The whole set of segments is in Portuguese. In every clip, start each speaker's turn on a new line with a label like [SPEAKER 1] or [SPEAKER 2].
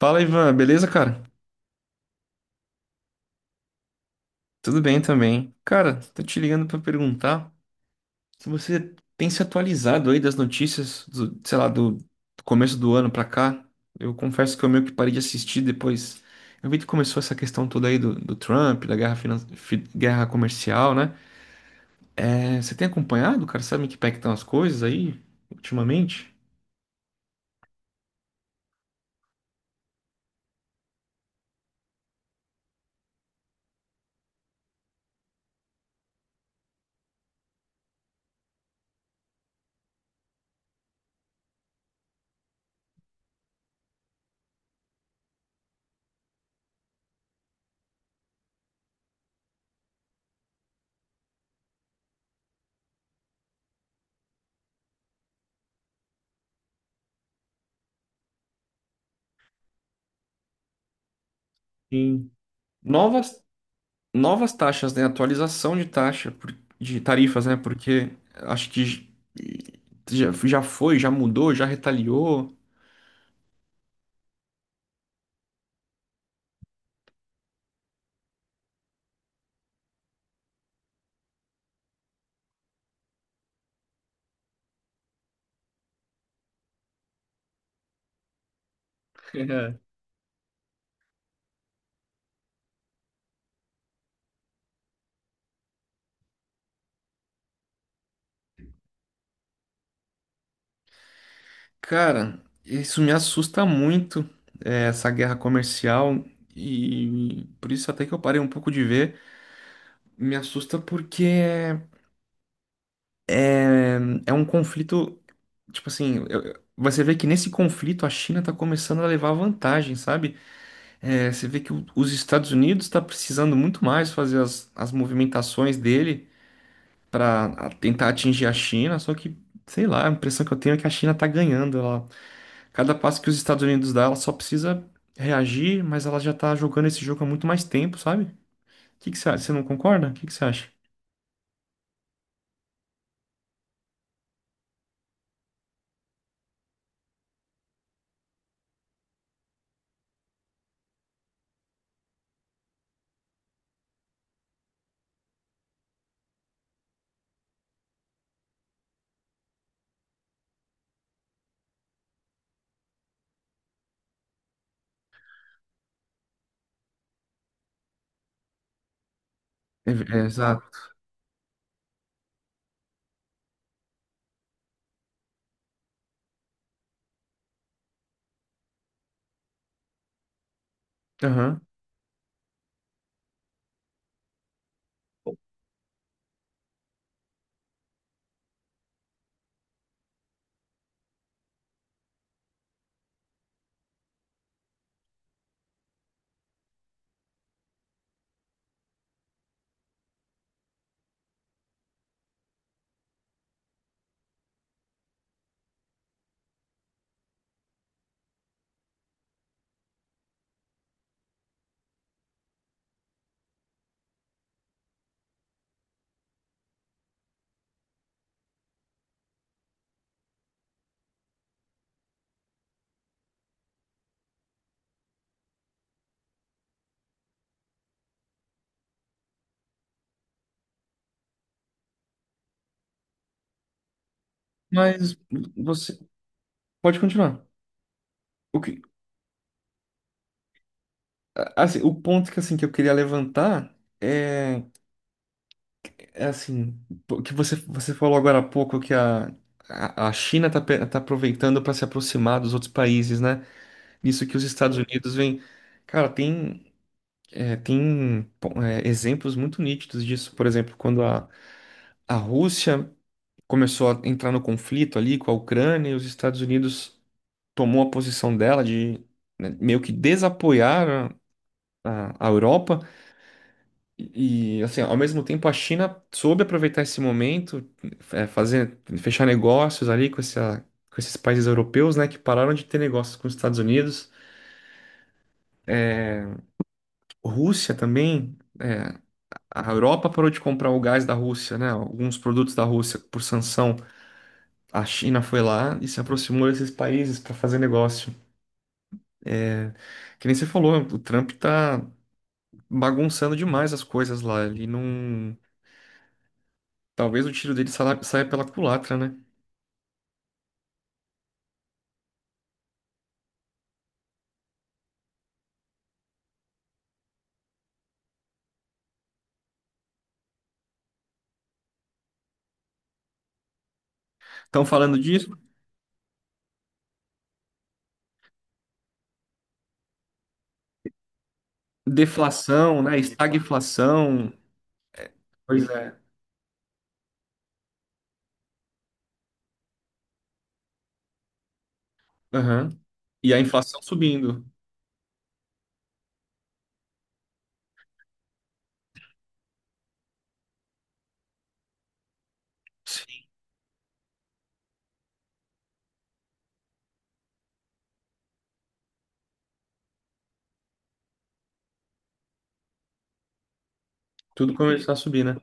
[SPEAKER 1] Fala, Ivan, beleza, cara? Tudo bem também. Cara, tô te ligando pra perguntar se você tem se atualizado aí das notícias, do começo do ano pra cá. Eu confesso que eu meio que parei de assistir depois. Eu vi que começou essa questão toda aí do Trump, da guerra, guerra comercial, né? É, você tem acompanhado, cara? Sabe em que pé que estão as coisas aí ultimamente? Em novas novas taxas, né? Atualização de taxa, de tarifas, né? Porque acho que já foi, já mudou, já retaliou. Cara, isso me assusta muito, essa guerra comercial. E por isso até que eu parei um pouco de ver. Me assusta porque é um conflito, tipo assim, você vê que nesse conflito a China tá começando a levar vantagem, sabe? É, você vê que os Estados Unidos está precisando muito mais fazer as movimentações dele para tentar atingir a China, só que, sei lá, a impressão que eu tenho é que a China está ganhando. Ela, cada passo que os Estados Unidos dá, ela só precisa reagir, mas ela já está jogando esse jogo há muito mais tempo, sabe? O que que você acha? Você não concorda? O que que você acha? É, é, exato. Aham. Mas você pode continuar. O que, assim, o ponto que, assim, que eu queria levantar é é assim, pô, você falou agora há pouco que a China tá aproveitando para se aproximar dos outros países, né? Nisso que os Estados Unidos vêm. Cara, tem, é, tem pô, é, exemplos muito nítidos disso. Por exemplo, a Rússia começou a entrar no conflito ali com a Ucrânia, e os Estados Unidos tomou a posição dela de, né, meio que desapoiar a Europa. E, assim, ao mesmo tempo, a China soube aproveitar esse momento, é, fazer, fechar negócios ali com essa, com esses países europeus, né, que pararam de ter negócios com os Estados Unidos. Rússia também, é, a Europa parou de comprar o gás da Rússia, né, alguns produtos da Rússia por sanção. A China foi lá e se aproximou desses países para fazer negócio. É, que nem você falou, o Trump tá bagunçando demais as coisas lá. Ele não. Talvez o tiro dele saia pela culatra, né? Estão falando disso. Deflação, né? Estagflação. Pois é. Aham. E a inflação subindo. Sim. Tudo começar a subir, né?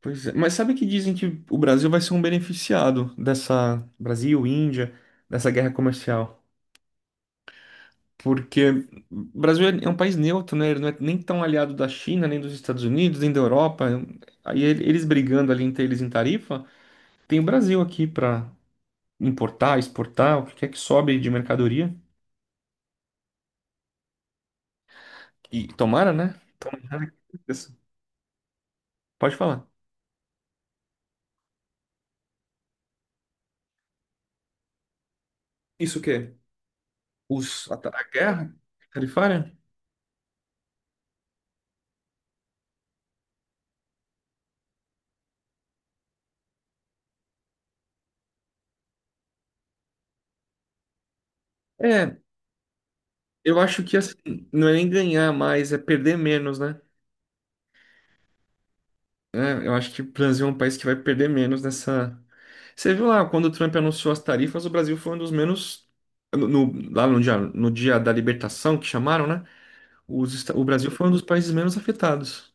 [SPEAKER 1] Pois é. Mas sabe que dizem que o Brasil vai ser um beneficiado dessa Brasil, Índia, dessa guerra comercial? Porque o Brasil é um país neutro, né? Ele não é nem tão aliado da China, nem dos Estados Unidos, nem da Europa. Aí eles brigando ali entre eles em tarifa, tem o Brasil aqui para importar, exportar, o que quer que sobe de mercadoria. E tomara, né? Tomara. Pode falar. Isso o quê? Os, a, a guerra tarifária? É, eu acho que assim, não é nem ganhar mais, é perder menos, né? É, eu acho que o Brasil é um país que vai perder menos nessa. Você viu lá, quando o Trump anunciou as tarifas, o Brasil foi um dos menos. Lá no dia, no dia da libertação, que chamaram, né? O Brasil foi um dos países menos afetados.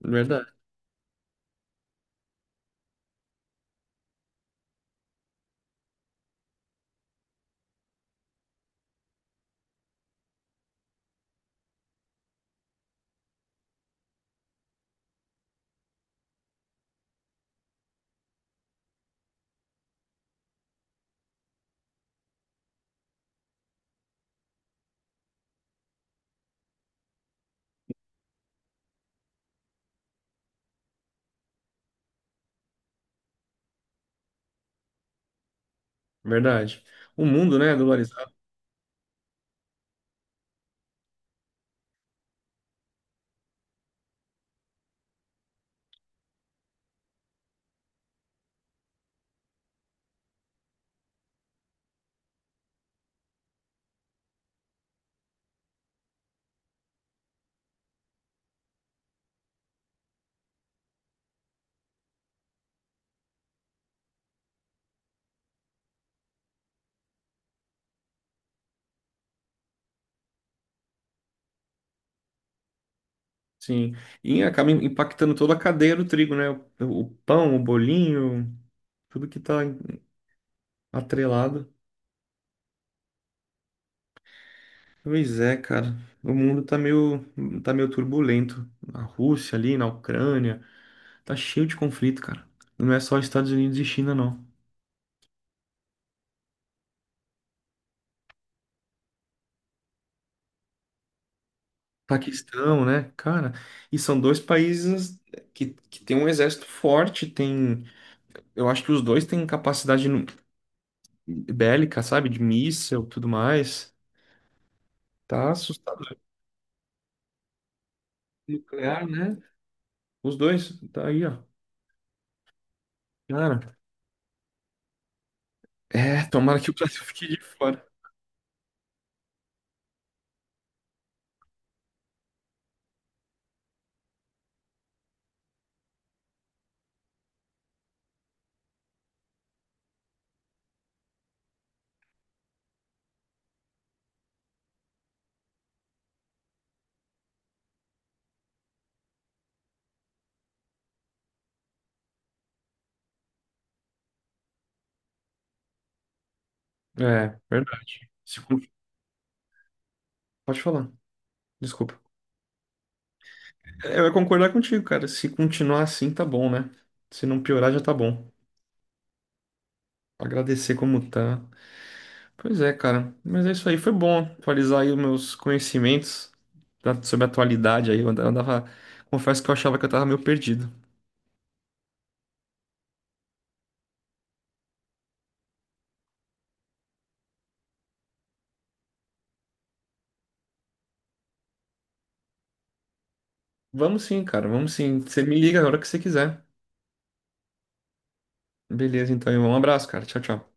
[SPEAKER 1] Verdade, verdade. O mundo, né, é dolarizado, sim. E acaba impactando toda a cadeia do trigo, né? O pão, o bolinho. Tudo que tá atrelado. Pois é, cara. O mundo tá meio turbulento. Na Rússia ali, na Ucrânia, tá cheio de conflito, cara. Não é só Estados Unidos e China, não. Paquistão, né? Cara, e são dois países que tem um exército forte, tem... Eu acho que os dois têm capacidade bélica, sabe? De míssil, tudo mais. Tá assustador. Nuclear, né? Os dois, tá aí, ó. Cara, é, tomara que o Brasil fique de fora. É, verdade. Se con- Pode falar, desculpa. É, eu ia concordar contigo, cara. Se continuar assim, tá bom, né? Se não piorar, já tá bom. Agradecer como tá. Pois é, cara. Mas é isso aí. Foi bom atualizar aí os meus conhecimentos sobre a atualidade aí. Confesso que eu achava que eu tava meio perdido. Vamos sim, cara. Vamos sim. Você me liga a hora que você quiser. Beleza, então, irmão. Um abraço, cara. Tchau, tchau.